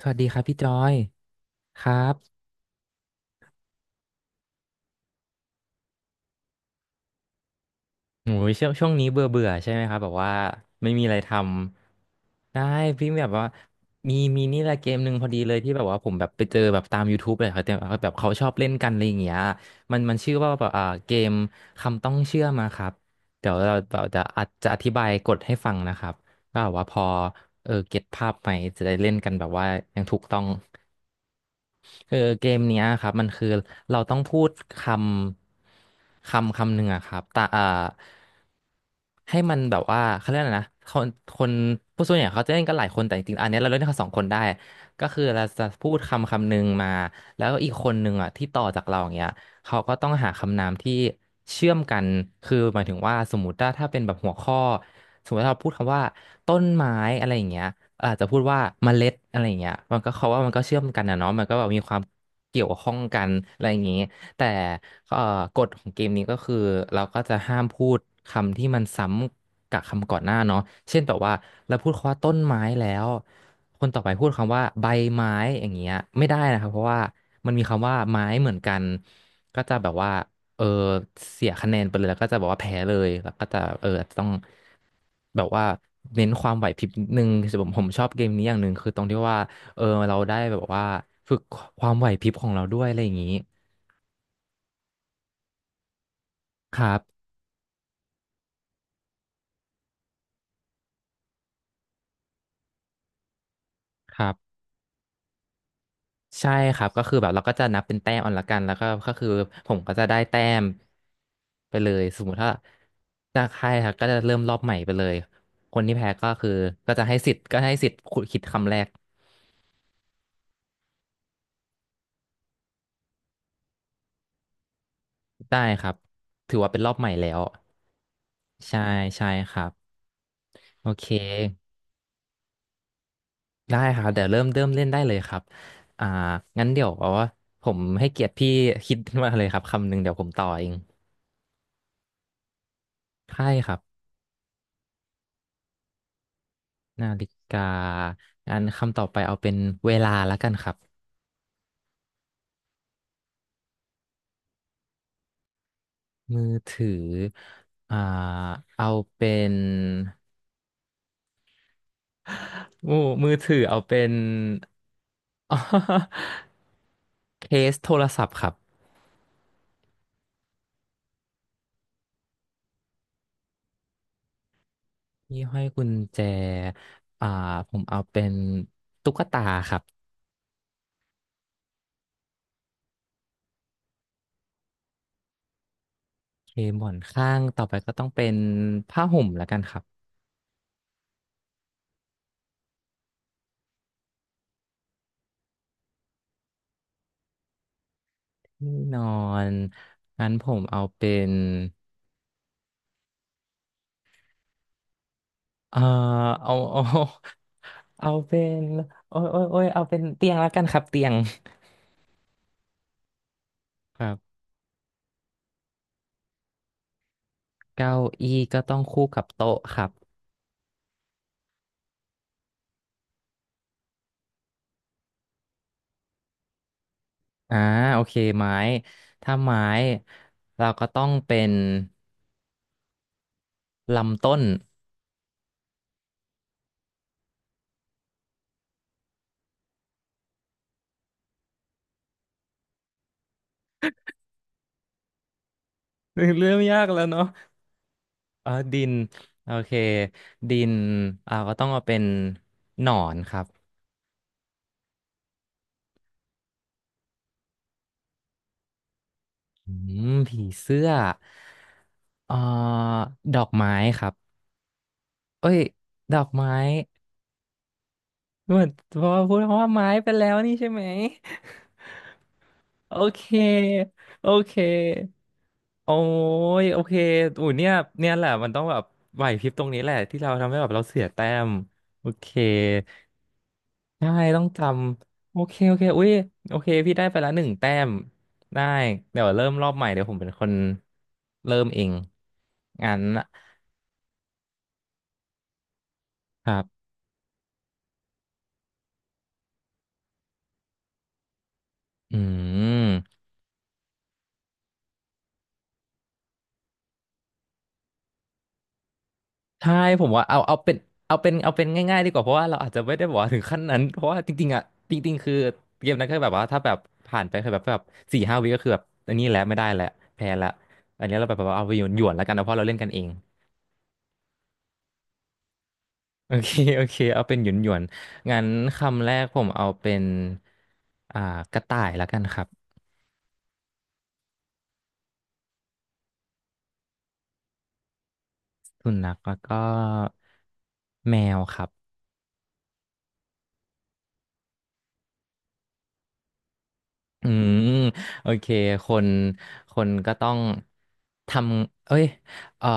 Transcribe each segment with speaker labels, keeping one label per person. Speaker 1: สวัสดีครับพี่จอยครับโอ้ยช่วงนี้เบื่อเบื่อใช่ไหมครับแบบว่าไม่มีอะไรทำได้พี่แบบว่ามีนี่แหละเกมหนึ่งพอดีเลยที่แบบว่าผมแบบไปเจอแบบตาม YouTube เลยครับแต่แบบเขาชอบเล่นกันอะไรอย่างเงี้ยมันชื่อว่าแบบเกมคำต้องเชื่อมาครับเดี๋ยวเราจะอาจจะอธิบายกฎให้ฟังนะครับก็แบบว่าพอเก็ตภาพไหมจะได้เล่นกันแบบว่ายังถูกต้อง คือเกมเนี้ยครับมันคือเราต้องพูดคคำหนึ่งอะครับแต่ให้มันแบบว่าเขาเรียกอะไรนะคนผู้ส่วนใหญ่เขาจะเล่นกันหลายคนแต่จริงๆอันเนี้ยเราเล่นกันสองคนได้ก็คือเราจะพูดคำคำหนึ่งมาแล้วอีกคนหนึ่งอะที่ต่อจากเราอย่างเงี้ย เขาก็ต้องหาคำนามที่เชื่อมกันคือหมายถึงว่าสมมติว่าถ้าเป็นแบบหัวข้อสมมติถ้าเราพูดคำว่าต้นไม้อะไรอย่างเงี้ยอาจจะพูดว่าเมล็ดอะไรอย่างเงี้ยมันก็เขาว่ามันก็เชื่อมกันนะเนาะมันก็แบบมีความเกี่ยวข้องกันอะไรอย่างงี้แต่เอ่อกฎของเกมนี้ก็คือเราก็จะห้ามพูดคำที่มันซ้ำกับคำก่อนหน้าเนาะเช่นแบบว่าเราพูดคำว่าต้นไม้แล้วคนต่อไปพูดคำว่าใบไม้อย่างเงี้ยไม่ได้นะครับเพราะว่า มันมีคำว่าไม้เหมือนกันก็จะแบบว่าเออเสียคะแนนไปเลยแล้วก็จะบอกว่าแพ้เลยแล้วก็จะอาจจะต้องแบบว่าเน้นความไหวพริบนิดนึงคือผมชอบเกมนี้อย่างหนึ่งคือตรงที่ว่าเออเราได้แบบว่าฝึกความไหวพริบของเราด้วยอะไรอย่างนี้ครับครับ ใช่ครับก็คือแบบเราก็จะนับเป็นแต้มเอาละกันแล้วก็ก็คือผมก็จะได้แต้มไปเลยสมมติถ้าจะใครครับก็จะเริ่มรอบใหม่ไปเลยคนที่แพ้ก็คือก็จะให้สิทธิ์ก็ให้สิทธิ์ขุดคิดคำแรกได้ครับถือว่าเป็นรอบใหม่แล้วใช่ใช่ครับโอเคได้ครับเดี๋ยวเริ่มเล่นได้เลยครับอ่างั้นเดี๋ยวเอาว่าผมให้เกียรติพี่คิดมาเลยครับคำหนึ่งเดี๋ยวผมต่อเองใช่ครับ นาฬิกา งั้นคำต่อไปเอาเป็นเวลาแล้วกันครับ มือถืออ่าเอาเป็น มือมือถือเอาเป็น เคสโทรศัพท์ครับที่ห้อยกุญแจอ่าผมเอาเป็นตุ๊กตาครับเคหมอนข้างต่อไปก็ต้องเป็นผ้าห่มแล้วกันครับที่นอน งั้นผมเอาเป็นเอ่อเอา เอาเป็นโอ้ยเอาเป็นเตียงแล้วกันครับเตียงครับเก้าอี้ก็ต้องคู่กับโต๊ะครับอ่าโอเคไม้ถ้าไม้เราก็ต้องเป็นลำต้น เรื่องยากแล้วเนาะดินโอเคดินเราก็ต้องเอาเป็นหนอนครับอืมผีเสื้อเอ่ดอกไม้ครับเอ้ยดอกไม้เหมือนเพราะว่าพูดคำว่าไม้ไปแล้วนี่ใช่ไหม โอเค โอเค โอ้ย โอเคอุ้ยเนี่ยเนี่ยแหละมันต้องแบบไหวพริบตรงนี้แหละที่เราทำให้แบบเราเสียแต้มโอเคใช่ต้องจำโอเค โอเคอุ้ยโอเคพี่ได้ไปละหนึ่งแต้มได้ เดี๋ยวเริ่มรอบใหม่เดี๋ยวผมเป็นคนเริ่มเอง งั้นนะครับอืม ใช่ผมว่าเอาเป็นเอาเป็นง่ายๆดีกว่าเพราะว่าเราอาจจะไม่ได้บอกว่าถึงขั้นนั้นเพราะว่าจริงๆอ่ะจริงๆคือเกมนั้นก็แบบว่าถ้าแบบผ่านไปคือแบบสี่ห้าวิก็คือแบบอันนี้แหละไม่ได้แล้วแพ้แล้วอันนี้เราแบบว่าเอาไปหยวนหยวนแล้วกันนะเพราะเราเล่นกันเอง โอเคโอเคเอาเป็นหยวนหยวนงั้นคำแรกผมเอาเป็นอ่ากระต่ายแล้วกันครับสุนัขแล้วก็แมวครับอืมโอเคคนคนก็ต้องทำเอ้ยเอ่อ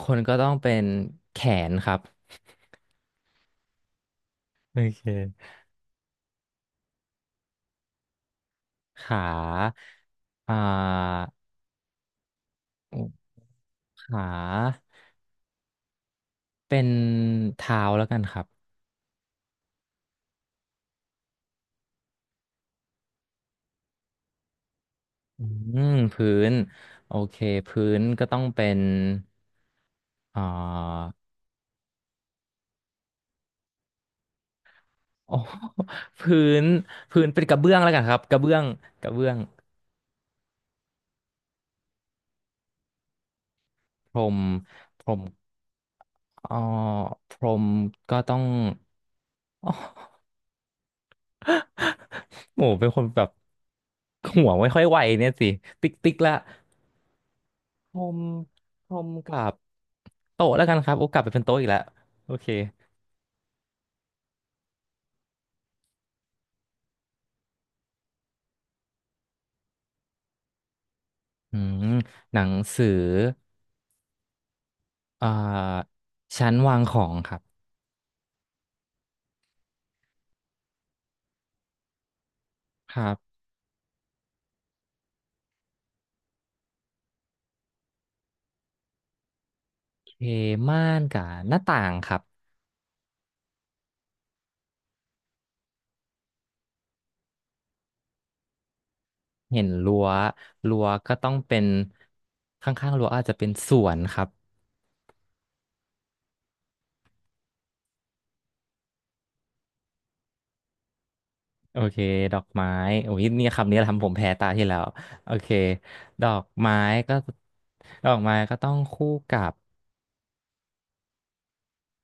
Speaker 1: คนก็ต้องเป็นแขนครับโอเคขาอ่าขา เป็นเท้าแล้วกันครับอืมพื้นโอเคพื้นก็ต้องเป็นอ่าโอ้ พื้นพื้นเป็นกระเบื้องแล้วกันครับกระเบื้องกระเบื้องพรมพรมอ๋อพรมก็ต้อง อ๋อ โหเป็นคนแบบหัวไม่ค่อยไวเนี่ยสิติ๊กติ๊กละ พรมพรมกับโต๊ะแล้วกันครับโอ้กลับไปเป็นโต๊ะอีกแล้วโอเคอืมหนังสืออ่าชั้นวางของครับครับโอเคม่านกับหน้าต่างครับเห็นรั้วรั้วก็ต้องเป็นข้างๆรั้วอาจจะเป็นสวนครับโอเคดอกไม้โอ้ยเนี่ยคำนี้ทำผมแพ้ตาที่แล้วโอเคดอกไม้ก็ดอกไม้ก็ต้องคู่กับ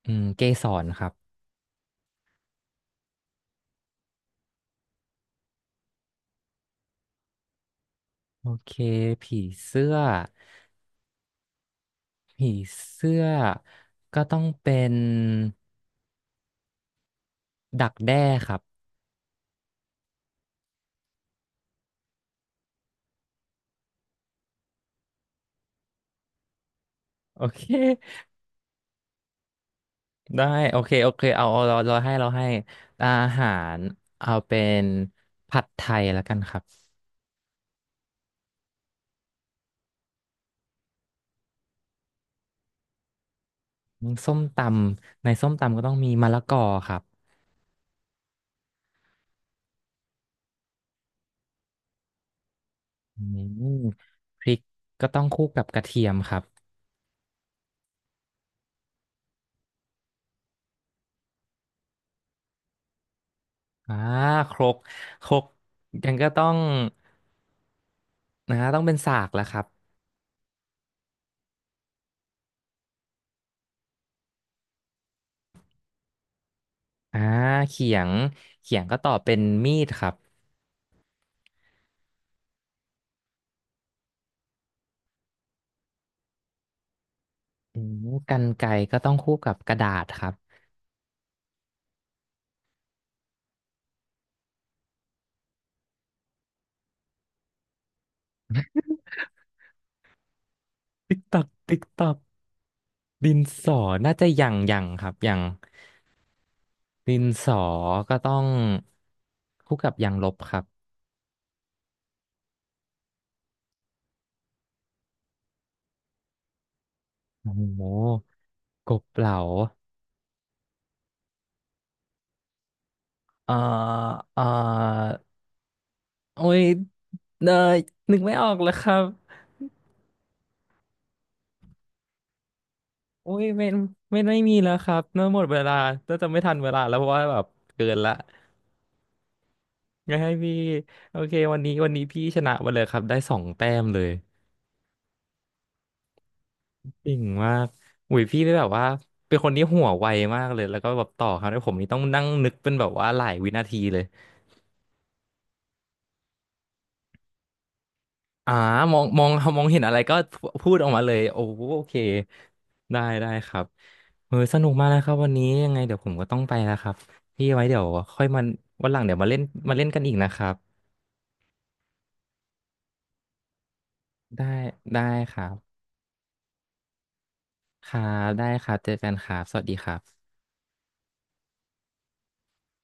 Speaker 1: อืมเกสรครับโอเคผีเสื้อ ผีเสื้อก็ต้องเป็นดักแด้ครับโอเคได้โอเคโอเคเอาเราให้เราให้อาหารเอาเป็นผัดไทยแล้วกันครับส้มตำในส้มตำก็ต้องมีมะละกอครับอืมพริกก็ต้องคู่กับกระเทียมครับอ่าครกครกยังก็ต้องนะต้องเป็นสากแล้วครับอ่าเขียงเขียงก็ต่อเป็นมีดครับ อืมกรรไกรก็ต้องคู่กับกระดาษครับติ๊กตักติ๊กตักดินสอน่าจะยังครับยังดินสอก็ต้องคู่กับยางลบครับโอ้โหกบเหลาเอ่อเอ่อโอ้ยเนยนึกไม่ออกเลยครับโอ้ยไม่ไม่มีแล้วครับเนื่อหมดเวลาน่าจะไม่ทันเวลาแล้วเพราะว่าแบบเกินละงั้นให้พี่โอเควันนี้พี่ชนะไปเลยครับได้สองแต้มเลย จริงมากอุ้ยพี่ได้แบบว่าเป็นคนที่หัวไวมากเลยแล้วก็แบบต่อครับแ้วผมนี่ต้องนั่งนึกเป็นแบบว่าหลายวินาทีเลยอ่ามองมองมองเห็นอะไรก็พูดออกมาเลยโอ้โอเคได้ครับเออสนุกมากนะครับวันนี้ยังไงเดี๋ยวผมก็ต้องไปแล้วครับพี่ไว้เดี๋ยวค่อยมาวันหลังเดี๋ยวมาเล่นกันอีกนะครับได้ได้ครับครับได้ครับเจอกันครับสวัสดีครับ